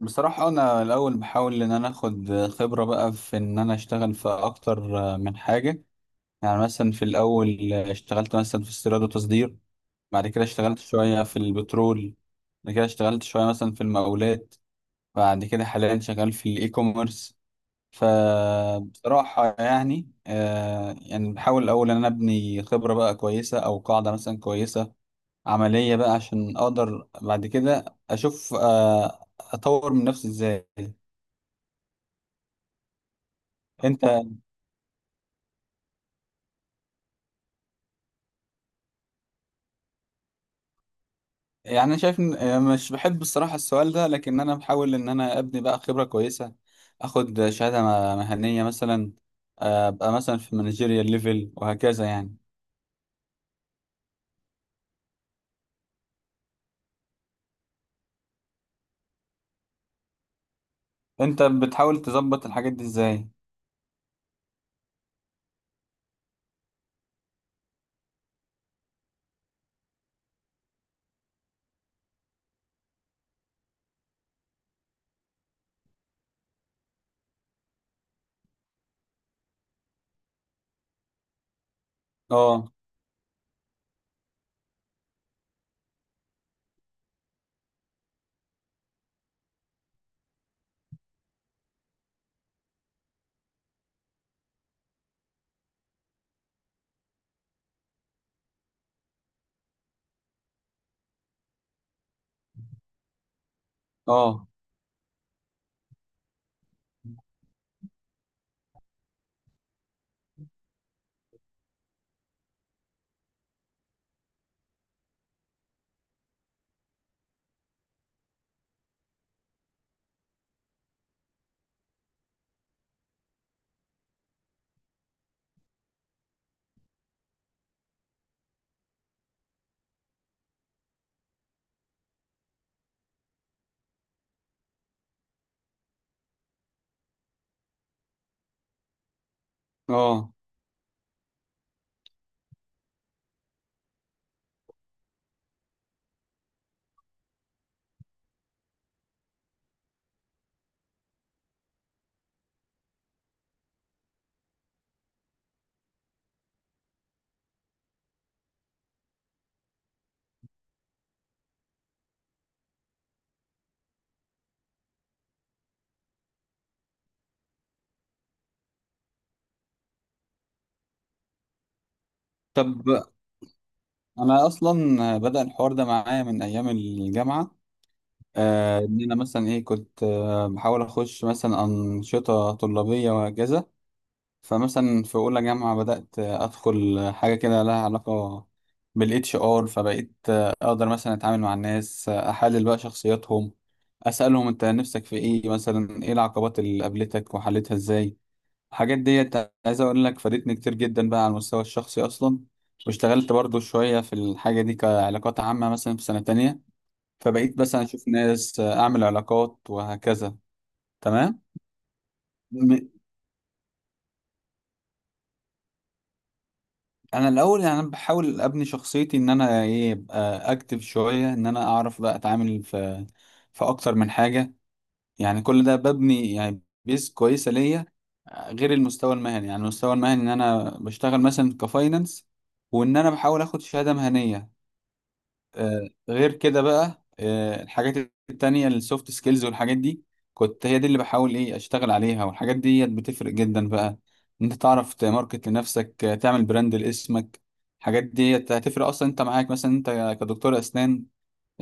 بصراحة، أنا الأول بحاول إن أنا آخد خبرة بقى في إن أنا أشتغل في أكتر من حاجة. يعني مثلا في الأول اشتغلت مثلا في استيراد وتصدير. بعد كده اشتغلت شوية في البترول. بعد كده اشتغلت شوية مثلا في المقاولات. بعد كده حاليا شغال في الإي كوميرس. فبصراحة يعني بحاول الأول إن أنا أبني خبرة بقى كويسة أو قاعدة مثلا كويسة عملية بقى عشان أقدر بعد كده أشوف أطور من نفسي إزاي. انت. يعني انا شايف مش بحب الصراحه السؤال ده، لكن انا بحاول ان انا ابني بقى خبره كويسه، اخد شهاده مهنيه مثلا. ابقى مثلا في مانجيريال ليفل وهكذا يعني. انت بتحاول تظبط الحاجات دي ازاي؟ اه، اه، اه. طب انا اصلا بدأ الحوار ده معايا من ايام الجامعه. ان انا مثلا ايه كنت بحاول اخش مثلا انشطه طلابيه وهكذا. فمثلا في اولى جامعه بدات ادخل حاجه كده لها علاقه بالاتش ار، فبقيت اقدر مثلا اتعامل مع الناس، احلل بقى شخصياتهم، اسالهم انت نفسك في ايه، مثلا ايه العقبات اللي قابلتك وحلتها ازاي. الحاجات ديت عايز اقول لك فادتني كتير جدا بقى على المستوى الشخصي اصلا. واشتغلت برضو شويه في الحاجه دي كعلاقات عامه مثلا في سنه تانية، فبقيت مثلا اشوف ناس، اعمل علاقات وهكذا. تمام. انا الاول يعني أنا بحاول ابني شخصيتي، ان انا ايه ابقى اكتف شويه، ان انا اعرف بقى اتعامل في اكتر من حاجه. يعني كل ده ببني يعني بيس كويسه ليا، غير المستوى المهني. يعني المستوى المهني ان انا بشتغل مثلا كفاينانس، وان انا بحاول اخد شهاده مهنيه. غير كده بقى الحاجات التانية السوفت سكيلز والحاجات دي كنت هي دي اللي بحاول ايه اشتغل عليها. والحاجات دي بتفرق جدا بقى إن انت تعرف تماركت لنفسك، تعمل براند لاسمك. الحاجات دي هتفرق اصلا. انت معاك مثلا انت كدكتور اسنان،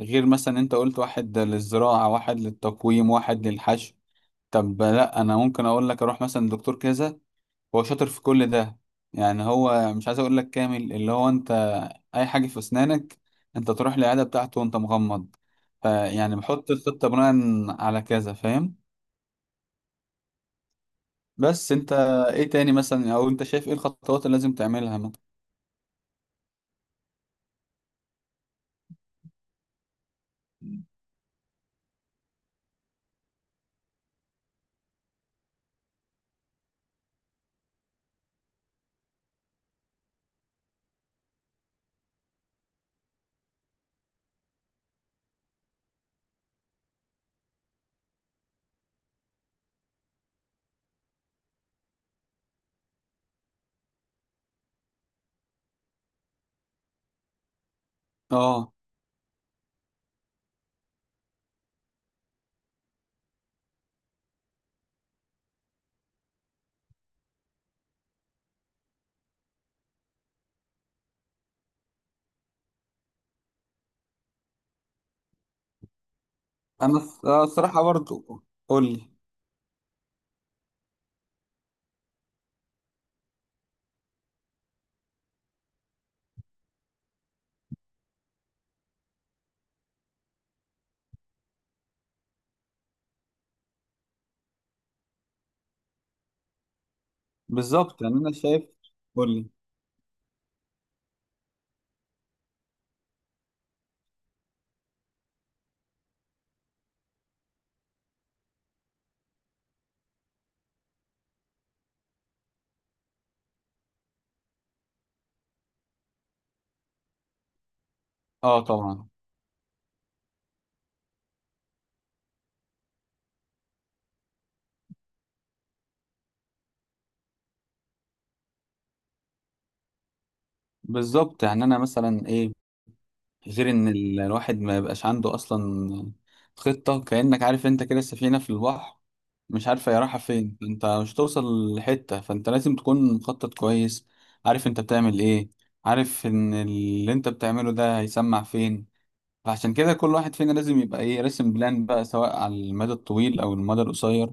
غير مثلا انت قلت واحد للزراعة، واحد للتقويم، واحد للحشو. طب لا، انا ممكن اقول لك اروح مثلا دكتور كذا، هو شاطر في كل ده. يعني هو مش عايز اقول لك كامل، اللي هو انت اي حاجه في اسنانك انت تروح للعياده بتاعته وانت مغمض. فيعني بحط الخطه بناء على كذا، فاهم؟ بس انت ايه تاني مثلا، او انت شايف ايه الخطوات اللي لازم تعملها مثلا؟ اه. انا الصراحه برضو قول لي. بالظبط يعني انا شايف. قول لي. اه، طبعا. بالظبط. يعني انا مثلا ايه، غير ان الواحد ما يبقاش عنده اصلا خطة، كأنك عارف انت كده السفينة في البحر مش عارفة هي رايحة فين، انت مش توصل لحتة. فانت لازم تكون مخطط كويس، عارف انت بتعمل ايه، عارف ان اللي انت بتعمله ده هيسمع فين. فعشان كده كل واحد فينا لازم يبقى ايه راسم بلان بقى، سواء على المدى الطويل او المدى القصير.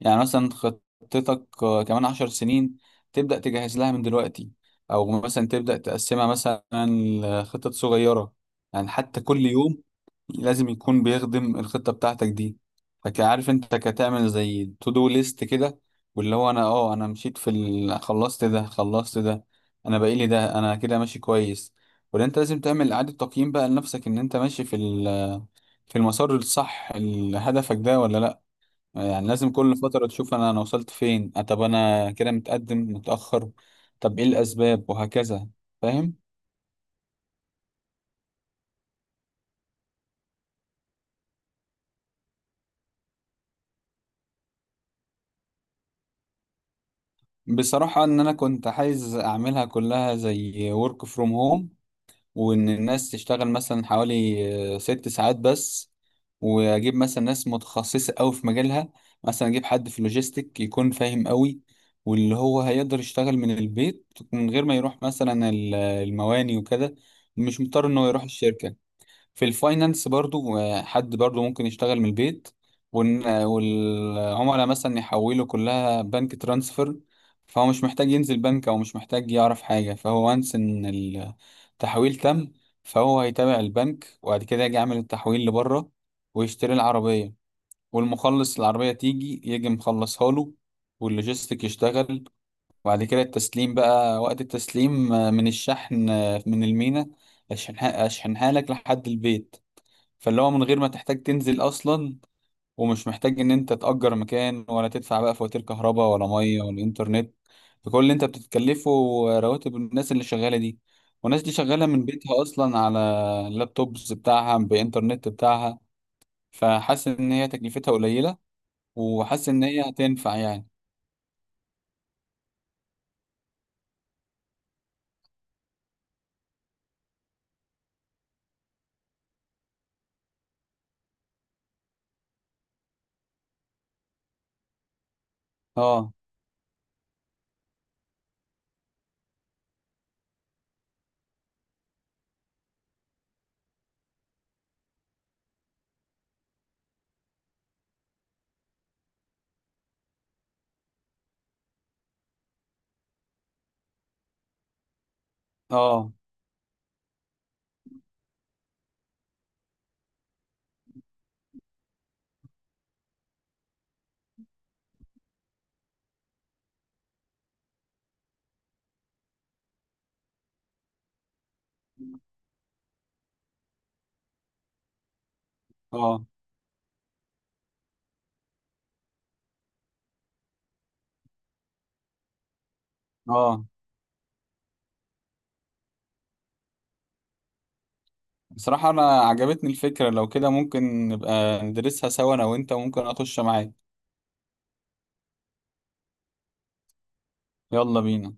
يعني مثلا خطتك كمان 10 سنين، تبدأ تجهز لها من دلوقتي، أو مثلا تبدأ تقسمها مثلا لخطط صغيرة. يعني حتى كل يوم لازم يكون بيخدم الخطة بتاعتك دي. فكعارف انت كتعمل زي تو دو ليست كده، واللي هو انا مشيت خلصت ده، خلصت ده، انا بقيلي ده، انا كده ماشي كويس، ولا انت لازم تعمل إعادة تقييم بقى لنفسك ان انت ماشي في المسار الصح هدفك ده ولا لا. يعني لازم كل فترة تشوف أنا وصلت فين، طب أنا كده متقدم متأخر، طب إيه الأسباب وهكذا، فاهم. بصراحة إن أنا كنت عايز أعملها كلها زي work from home، وإن الناس تشتغل مثلا حوالي 6 ساعات بس، وأجيب مثلا ناس متخصصة أوي في مجالها. مثلا أجيب حد في لوجيستيك يكون فاهم أوي، واللي هو هيقدر يشتغل من البيت من غير ما يروح مثلا المواني وكده، مش مضطر إنه يروح الشركة. في الفاينانس برضو حد برضو ممكن يشتغل من البيت، والعملاء مثلا يحولوا كلها بنك ترانسفر. فهو مش محتاج ينزل بنك، او مش محتاج يعرف حاجة، فهو وانس ان التحويل تم. فهو هيتابع البنك وبعد كده يجي يعمل التحويل لبره، ويشتري العربية. والمخلص العربية تيجي يجي مخلصها له، واللوجيستيك يشتغل. وبعد كده التسليم بقى، وقت التسليم من الشحن من المينا، أشحنها لك لحد البيت. فاللي هو من غير ما تحتاج تنزل اصلا، ومش محتاج ان انت تأجر مكان ولا تدفع بقى فواتير كهرباء ولا ميه ولا انترنت. فكل اللي انت بتتكلفه رواتب الناس اللي شغاله دي، والناس دي شغاله من بيتها اصلا على اللابتوبز بتاعها بانترنت بتاعها. فحاسس ان هي تكلفتها قليله، وحاسس ان هي هتنفع يعني. اه، اه، اه، اه. بصراحه انا عجبتني الفكره. لو كده ممكن نبقى ندرسها سوا انا وانت، وممكن اخش معاك. يلا بينا.